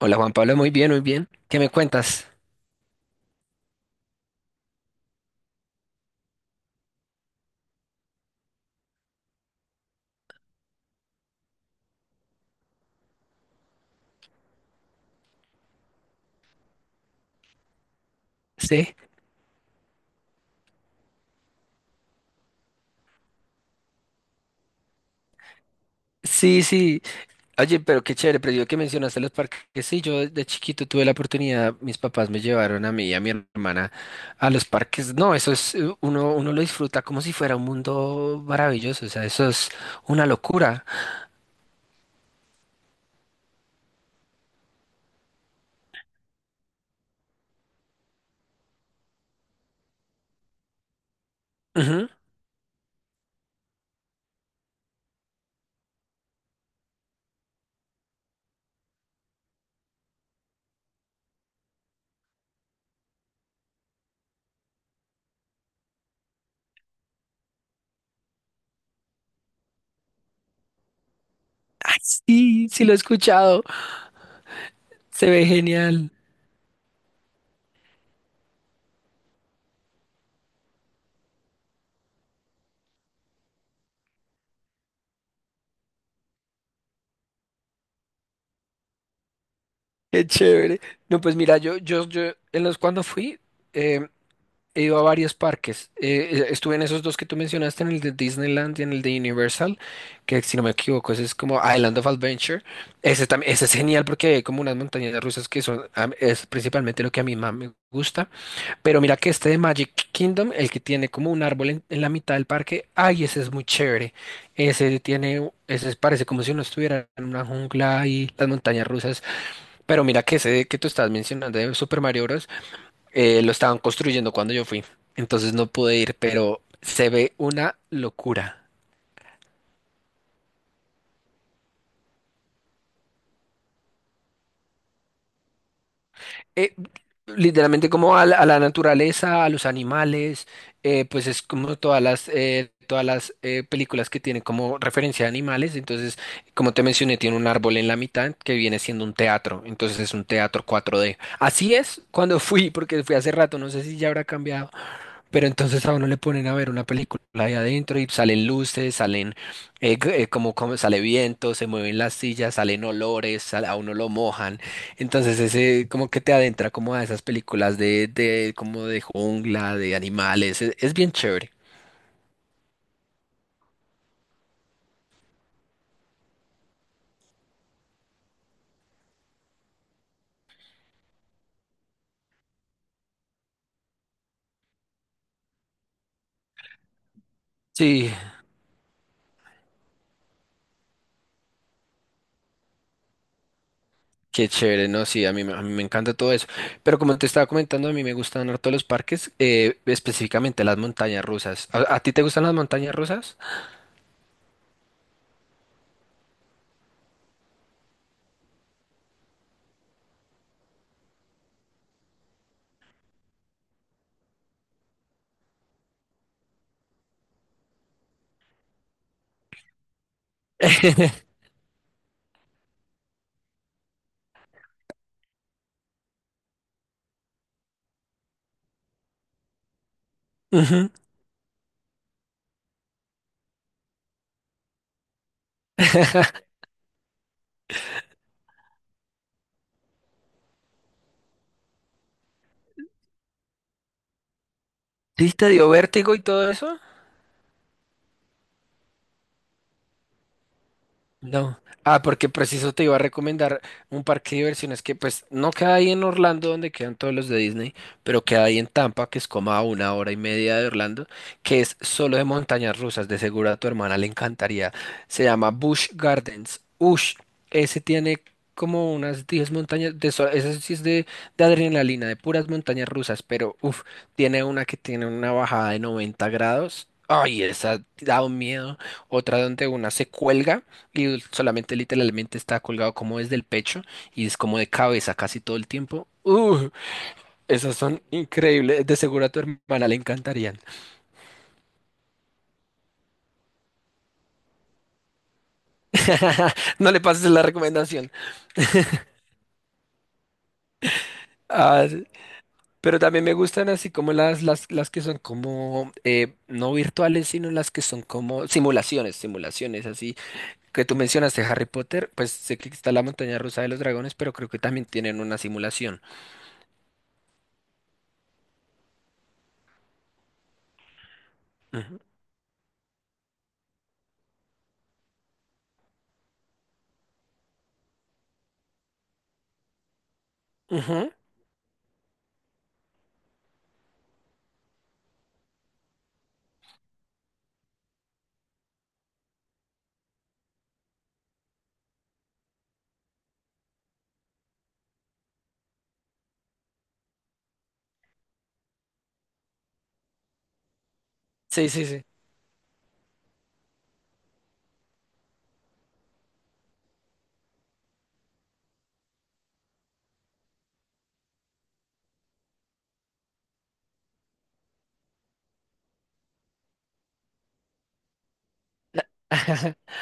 Hola Juan Pablo, muy bien, muy bien. ¿Qué me cuentas? Sí, sí, sí. Oye, pero qué chévere, pero yo que mencionaste los parques, sí, yo de chiquito tuve la oportunidad, mis papás me llevaron a mí y a mi hermana a los parques. No, eso es, uno lo disfruta como si fuera un mundo maravilloso, o sea, eso es una locura. Ujú. Ay, sí, sí lo he escuchado. Se ve genial. Qué chévere. No, pues mira, yo, en los cuando fui, em, he ido a varios parques. Estuve en esos dos que tú mencionaste, en el de Disneyland y en el de Universal, que si no me equivoco, ese es como Island of Adventure. Ese también, ese es genial porque hay como unas montañas rusas que son, a es principalmente lo que a mí más me gusta. Pero mira que este de Magic Kingdom, el que tiene como un árbol en la mitad del parque, ay, ese es muy chévere. Ese tiene, ese parece como si uno estuviera en una jungla y las montañas rusas. Pero mira que ese que tú estás mencionando de Super Mario Bros. Lo estaban construyendo cuando yo fui, entonces no pude ir, pero se ve una locura. Eh, Literalmente como a la naturaleza, a los animales, pues es como todas las películas que tienen como referencia a animales, entonces como te mencioné, tiene un árbol en la mitad que viene siendo un teatro, entonces es un teatro 4D. Así es cuando fui, porque fui hace rato, no sé si ya habrá cambiado. Pero entonces a uno le ponen a ver una película ahí adentro y salen luces, salen como, como sale viento, se mueven las sillas, salen olores, sal- a uno lo mojan. Entonces ese como que te adentra como a esas películas de como de jungla, de animales. Es bien chévere. Sí, qué chévere, no, sí, a mí me encanta todo eso. Pero como te estaba comentando, a mí me gustan harto los parques, específicamente las montañas rusas. A ti te gustan las montañas rusas? Ujú. ¿Sí te dio vértigo y todo eso? No. Ah, porque preciso te iba a recomendar un parque de diversiones que pues no queda ahí en Orlando donde quedan todos los de Disney, pero queda ahí en Tampa, que es como a una hora y media de Orlando, que es solo de montañas rusas, de seguro a tu hermana le encantaría. Se llama Busch Gardens. Ush, ese tiene como unas 10 montañas, de so- ese sí es de adrenalina, de puras montañas rusas, pero uff, tiene una que tiene una bajada de 90 grados. Ay, esa da un miedo. Otra donde una se cuelga. Y solamente literalmente está colgado como desde el pecho y es como de cabeza casi todo el tiempo. Esas son increíbles. De seguro a tu hermana le encantarían. No le pases la recomendación. Ah, pero también me gustan así como las que son como no virtuales, sino las que son como simulaciones, simulaciones así. Que tú mencionaste Harry Potter, pues sé que está la montaña rusa de los dragones, pero creo que también tienen una simulación. Ujú, ujú. Sí, sí, sí.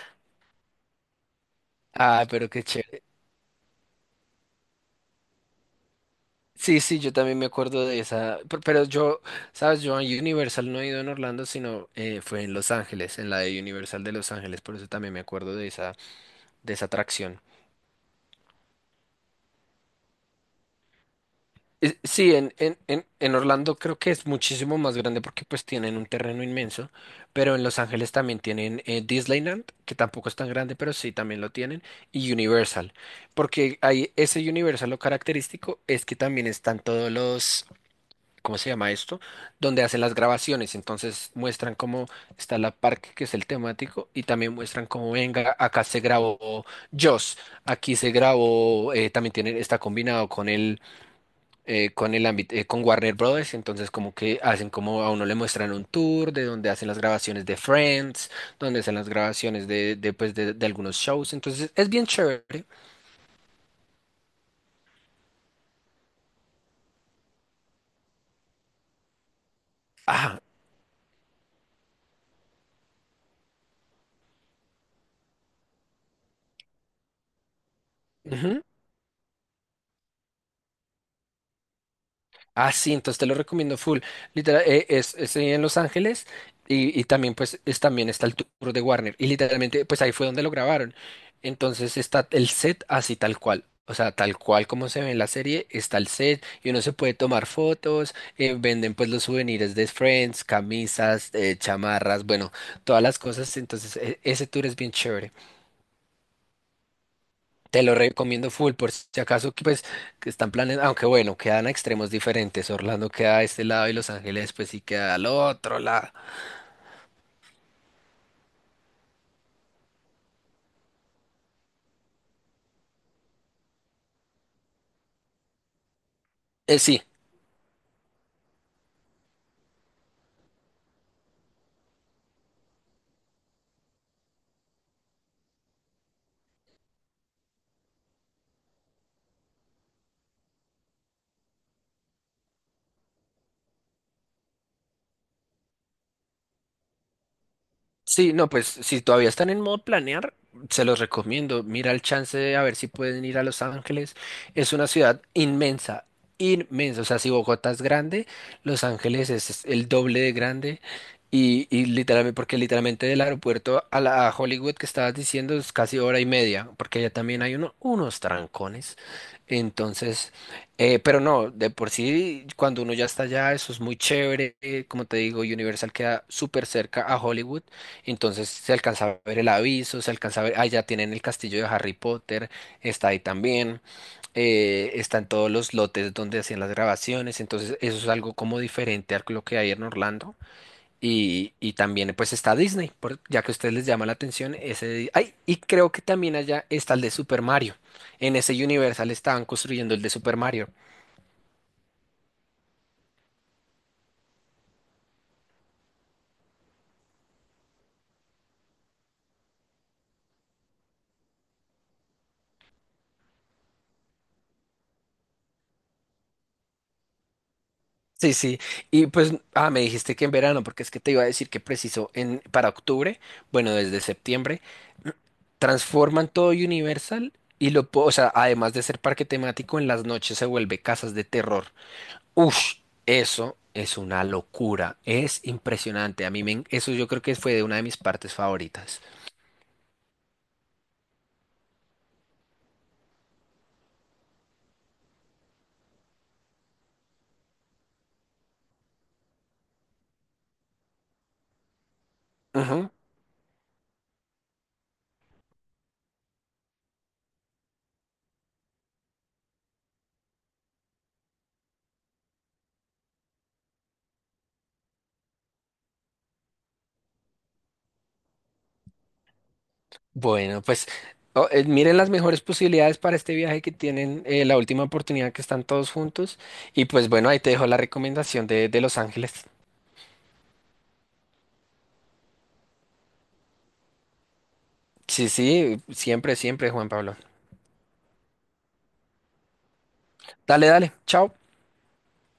Ah, pero qué chévere. Sí, sí, yo también me acuerdo de esa, pe- pero yo, sabes, yo a Universal no he ido en Orlando, sino fue en Los Ángeles, en la de Universal de Los Ángeles, por eso también me acuerdo de esa atracción. Sí, en Orlando creo que es muchísimo más grande porque pues tienen un terreno inmenso, pero en Los Ángeles también tienen Disneyland, que tampoco es tan grande, pero sí también lo tienen, y Universal, porque ahí ese Universal lo característico es que también están todos los ¿cómo se llama esto? Donde hacen las grabaciones. Entonces muestran cómo está la parque, que es el temático, y también muestran cómo venga, acá se grabó Joss, aquí se grabó, también tiene, está combinado con con el ámbito, con Warner Brothers. Entonces como que hacen como a uno le muestran un tour de donde hacen las grabaciones de Friends, donde hacen las grabaciones de, pues, de algunos shows. Entonces es bien chévere. Ah, ujú. Ah, sí, entonces te lo recomiendo full. Literal, es en Los Ángeles y también pues es, también está el tour de Warner. Y literalmente pues ahí fue donde lo grabaron. Entonces está el set así tal cual. O sea, tal cual como se ve en la serie, está el set y uno se puede tomar fotos, venden pues los souvenirs de Friends, camisas, chamarras, bueno, todas las cosas. Entonces e- ese tour es bien chévere. Te lo recomiendo full, por si acaso que pues que están planes, aunque bueno, quedan a extremos diferentes. Orlando queda a este lado y Los Ángeles pues sí queda al otro lado. Eh, sí, Sí, no, pues si todavía están en modo planear, se los recomiendo. Mira el chance de a ver si pueden ir a Los Ángeles. Es una ciudad inmensa, inmensa. O sea, si Bogotá es grande, Los Ángeles es el doble de grande. Y literalmente, porque literalmente del aeropuerto a la a Hollywood que estabas diciendo es casi hora y media, porque allá también hay uno, unos trancones. Entonces, pero no, de por sí, cuando uno ya está allá, eso es muy chévere. Como te digo, Universal queda súper cerca a Hollywood. Entonces se alcanza a ver el aviso, se alcanza a ver, ah, ya tienen el castillo de Harry Potter, está ahí también, está en todos los lotes donde hacían las grabaciones, entonces eso es algo como diferente a lo que hay en Orlando. Y también pues está Disney, por- ya que a ustedes les llama la atención ese... Ay, y creo que también allá está el de Super Mario. En ese Universal estaban construyendo el de Super Mario. Sí, sí. Y pues, ah, me dijiste que en verano, porque es que te iba a decir que preciso en para octubre, bueno, desde septiembre, transforman todo Universal y lo, po- o sea, además de ser parque temático, en las noches se vuelve casas de terror. Ush, eso es una locura. Es impresionante. A mí me, en- eso yo creo que fue de una de mis partes favoritas. Bueno, pues miren las mejores posibilidades para este viaje que tienen, la última oportunidad que están todos juntos. Y pues bueno, ahí te dejo la recomendación de Los Ángeles. Sí, sí, siempre, siempre, Juan Pablo. Dale, dale, chao.